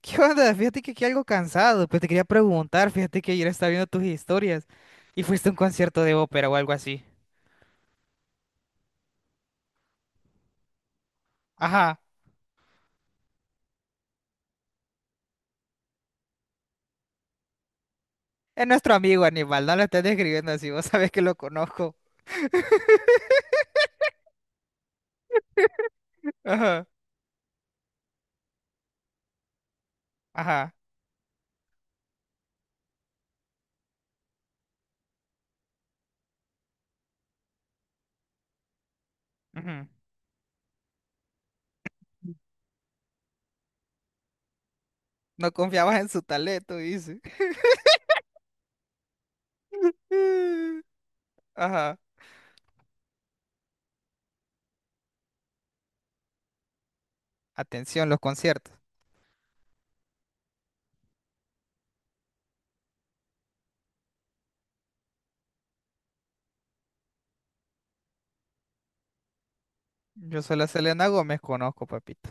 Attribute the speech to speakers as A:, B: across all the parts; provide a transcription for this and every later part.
A: ¿Qué onda? Fíjate que aquí algo cansado, pero te quería preguntar, fíjate que ayer estaba viendo tus historias y fuiste a un concierto de ópera o algo así. Ajá, es nuestro amigo Aníbal, no lo estás describiendo así, vos sabés que lo conozco. Ajá, ajá, ujú. No confiabas en su talento, dice. Ajá, atención, los conciertos. Yo solo a Selena Gómez conozco, papito.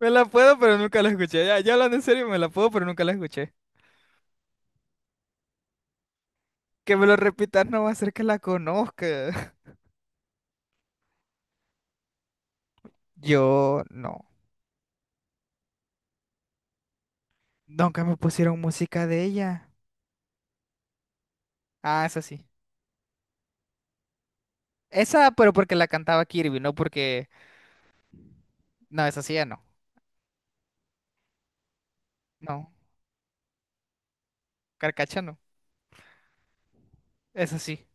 A: Me la puedo, pero nunca la escuché. Ya, ya hablando en serio, me la puedo, pero nunca la escuché. Que me lo repitas no va a hacer que la conozca. Yo no. Nunca me pusieron música de ella. Ah, esa sí. Esa, pero porque la cantaba Kirby, no porque. No, esa sí ya no. No, Carcacha no. Esa sí.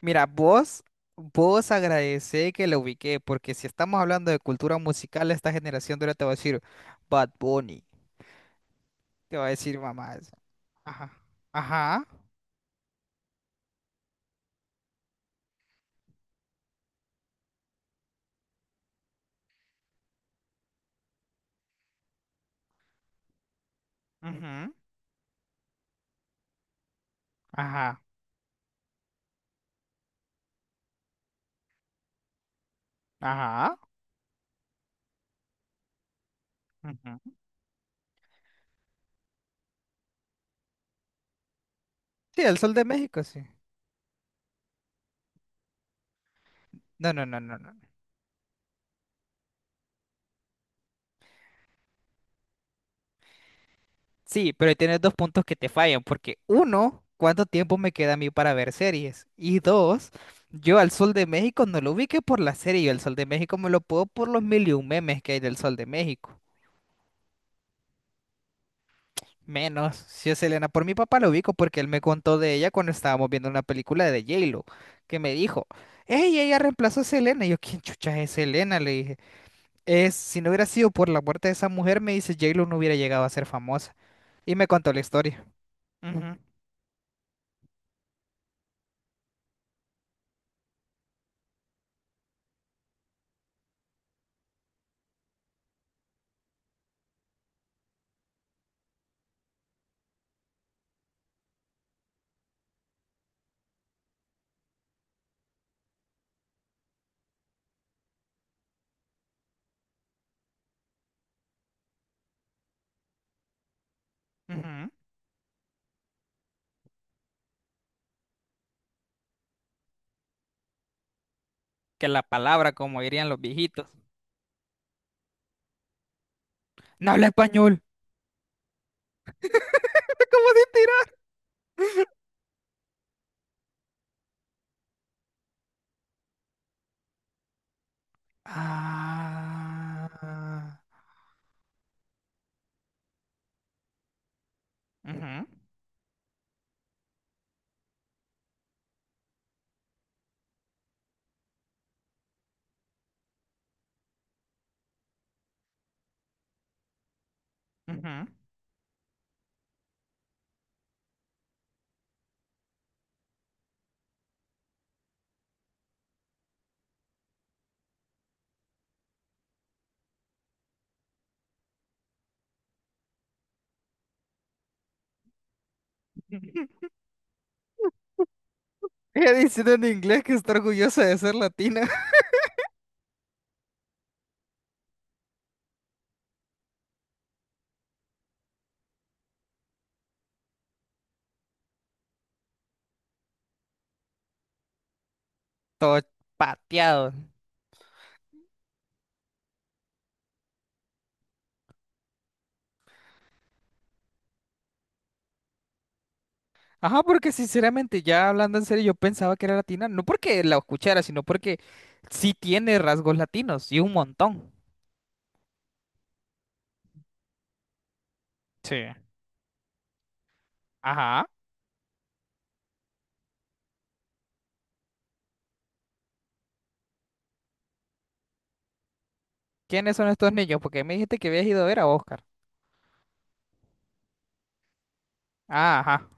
A: Mira, vos, vos agradecé que la ubiqué, porque si estamos hablando de cultura musical, esta generación de ahora te va a decir Bad Bunny. Te va a decir mamá. Ajá. Ajá. Ujú. Ajá. Ajá. Ujú. Sí, el Sol de México, sí. No, no, no, no, no. Sí, pero ahí tienes dos puntos que te fallan, porque uno, ¿cuánto tiempo me queda a mí para ver series? Y dos, yo al Sol de México no lo ubiqué por la serie, yo al Sol de México me lo puedo por los mil y un memes que hay del Sol de México. Menos, si es Selena, por mi papá lo ubico porque él me contó de ella cuando estábamos viendo una película de J-Lo, que me dijo, hey, ella reemplazó a Selena. Y yo, ¿quién chucha es Selena? Le dije, es, si no hubiera sido por la muerte de esa mujer, me dice, J-Lo no hubiera llegado a ser famosa. Y me contó la historia. Ujú, ujú. Que la palabra, como dirían los viejitos. No habla español. Es como si tira- Ah. Ujú, ujú. Ella diciendo en inglés que está orgullosa de ser latina. Todo pateado. Ajá, porque sinceramente, ya hablando en serio, yo pensaba que era latina, no porque la escuchara, sino porque sí tiene rasgos latinos y un montón. Sí. Ajá. ¿Quiénes son estos niños? Porque me dijiste que habías ido a ver a Oscar. Ah, ajá.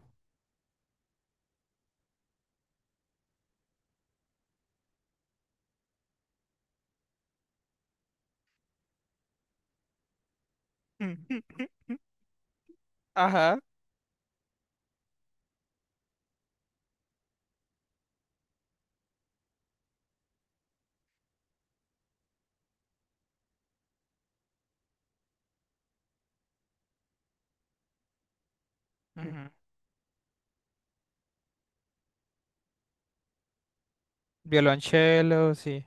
A: Ajá. Ujú. Violonchelo, sí.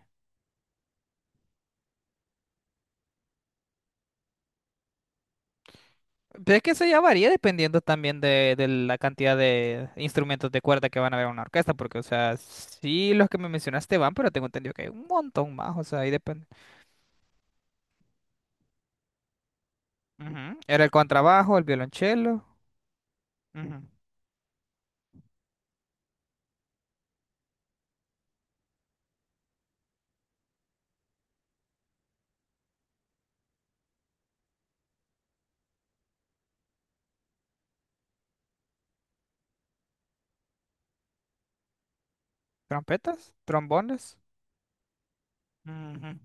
A: Pero es que eso ya varía dependiendo también de la cantidad de instrumentos de cuerda que van a haber en una orquesta, porque, o sea, sí los que me mencionaste van, pero tengo entendido que hay un montón más, o sea, ahí depende. Ujú. Era el contrabajo, el violonchelo, ujú, trompetas, trombones. Ujú.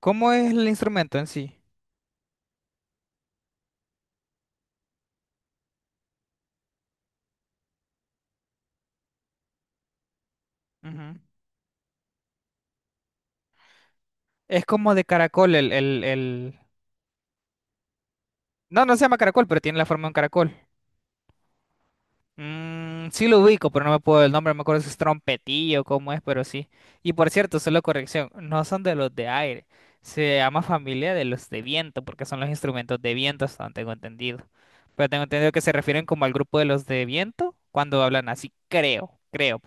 A: ¿Cómo es el instrumento en sí? Ujú. Es como de caracol, el... No, no se llama caracol, pero tiene la forma de un caracol. Mm, sí lo ubico, pero no me puedo el nombre, no me acuerdo si es trompetillo, cómo es, pero sí. Y por cierto, solo corrección, no son de los de aire, se llama familia de los de viento, porque son los instrumentos de viento, hasta donde tengo entendido. Pero tengo entendido que se refieren como al grupo de los de viento cuando hablan así, creo, creo.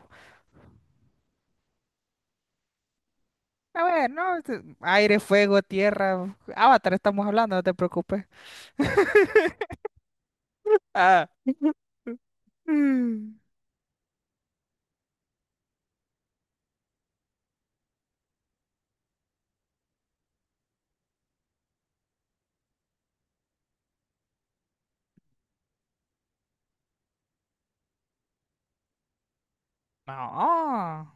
A: A ver, no, este, aire, fuego, tierra, Avatar estamos hablando, no te preocupes. Ah. Mm. No.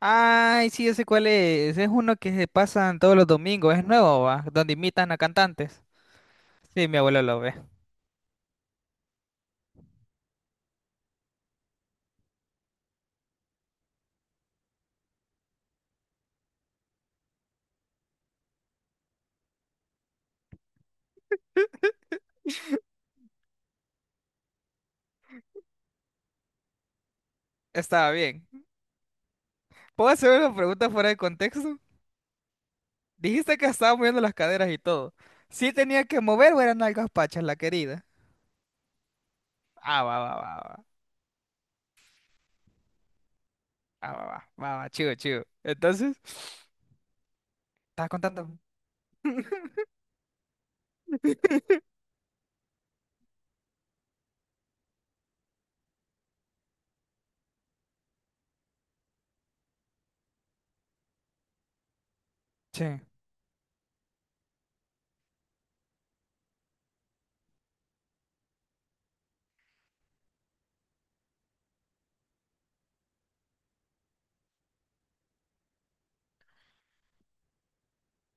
A: Ay, sí, yo sé cuál es. Es uno que se pasan todos los domingos. Es nuevo, va. Donde imitan a cantantes. Sí, mi abuelo lo ve. Estaba bien. ¿Puedo hacer una pregunta fuera de contexto? Dijiste que estaba moviendo las caderas y todo. ¿Sí tenía que mover o eran algas pachas, la querida? Ah, va, va, va, va. Ah, va, va, va, va, chido, chido. Entonces, ¿estás contando? Sí.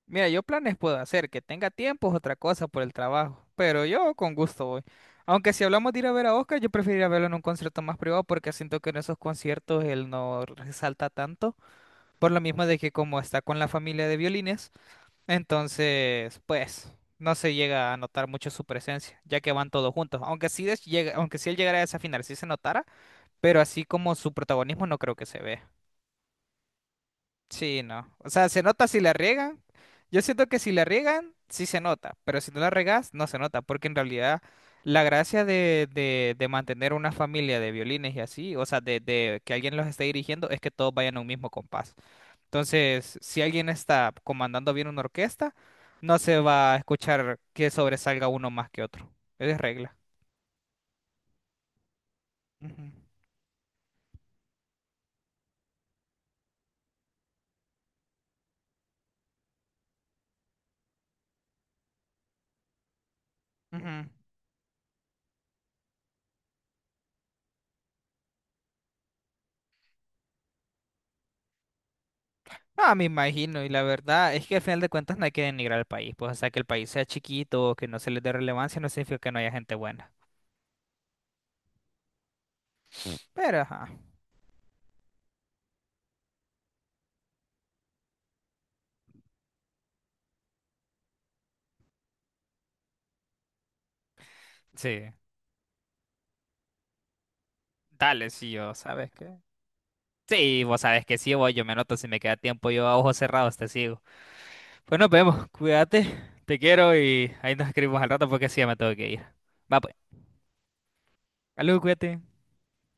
A: Mira, yo planes puedo hacer, que tenga tiempo es otra cosa por el trabajo, pero yo con gusto voy. Aunque si hablamos de ir a ver a Oscar, yo preferiría verlo en un concierto más privado porque siento que en esos conciertos él no resalta tanto, por lo mismo de que como está con la familia de violines, entonces pues no se llega a notar mucho su presencia, ya que van todos juntos. Aunque sí des- llega, aunque si él llegara a esa final, sí se notara, pero así como su protagonismo no creo que se vea. Sí, no. O sea, se nota si la riegan. Yo siento que si la riegan, sí se nota, pero si no la riegas, no se nota, porque en realidad la gracia de mantener una familia de violines y así, o sea, de que alguien los esté dirigiendo, es que todos vayan a un mismo compás. Entonces, si alguien está comandando bien una orquesta, no se va a escuchar que sobresalga uno más que otro. Es regla. Ujú, ujú. Ah, me imagino, y la verdad es que al final de cuentas no hay que denigrar al país, pues, o sea, que el país sea chiquito o que no se le dé relevancia no significa que no haya gente buena. Pero, ajá, sí, dale, sí, yo, ¿sabes qué? Sí, vos sabes que sí, voy, yo me anoto si me queda tiempo, yo a ojos cerrados te sigo. Pues nos vemos, cuídate, te quiero y ahí nos escribimos al rato porque sí, ya me tengo que ir. Va, pues, salud, cuídate.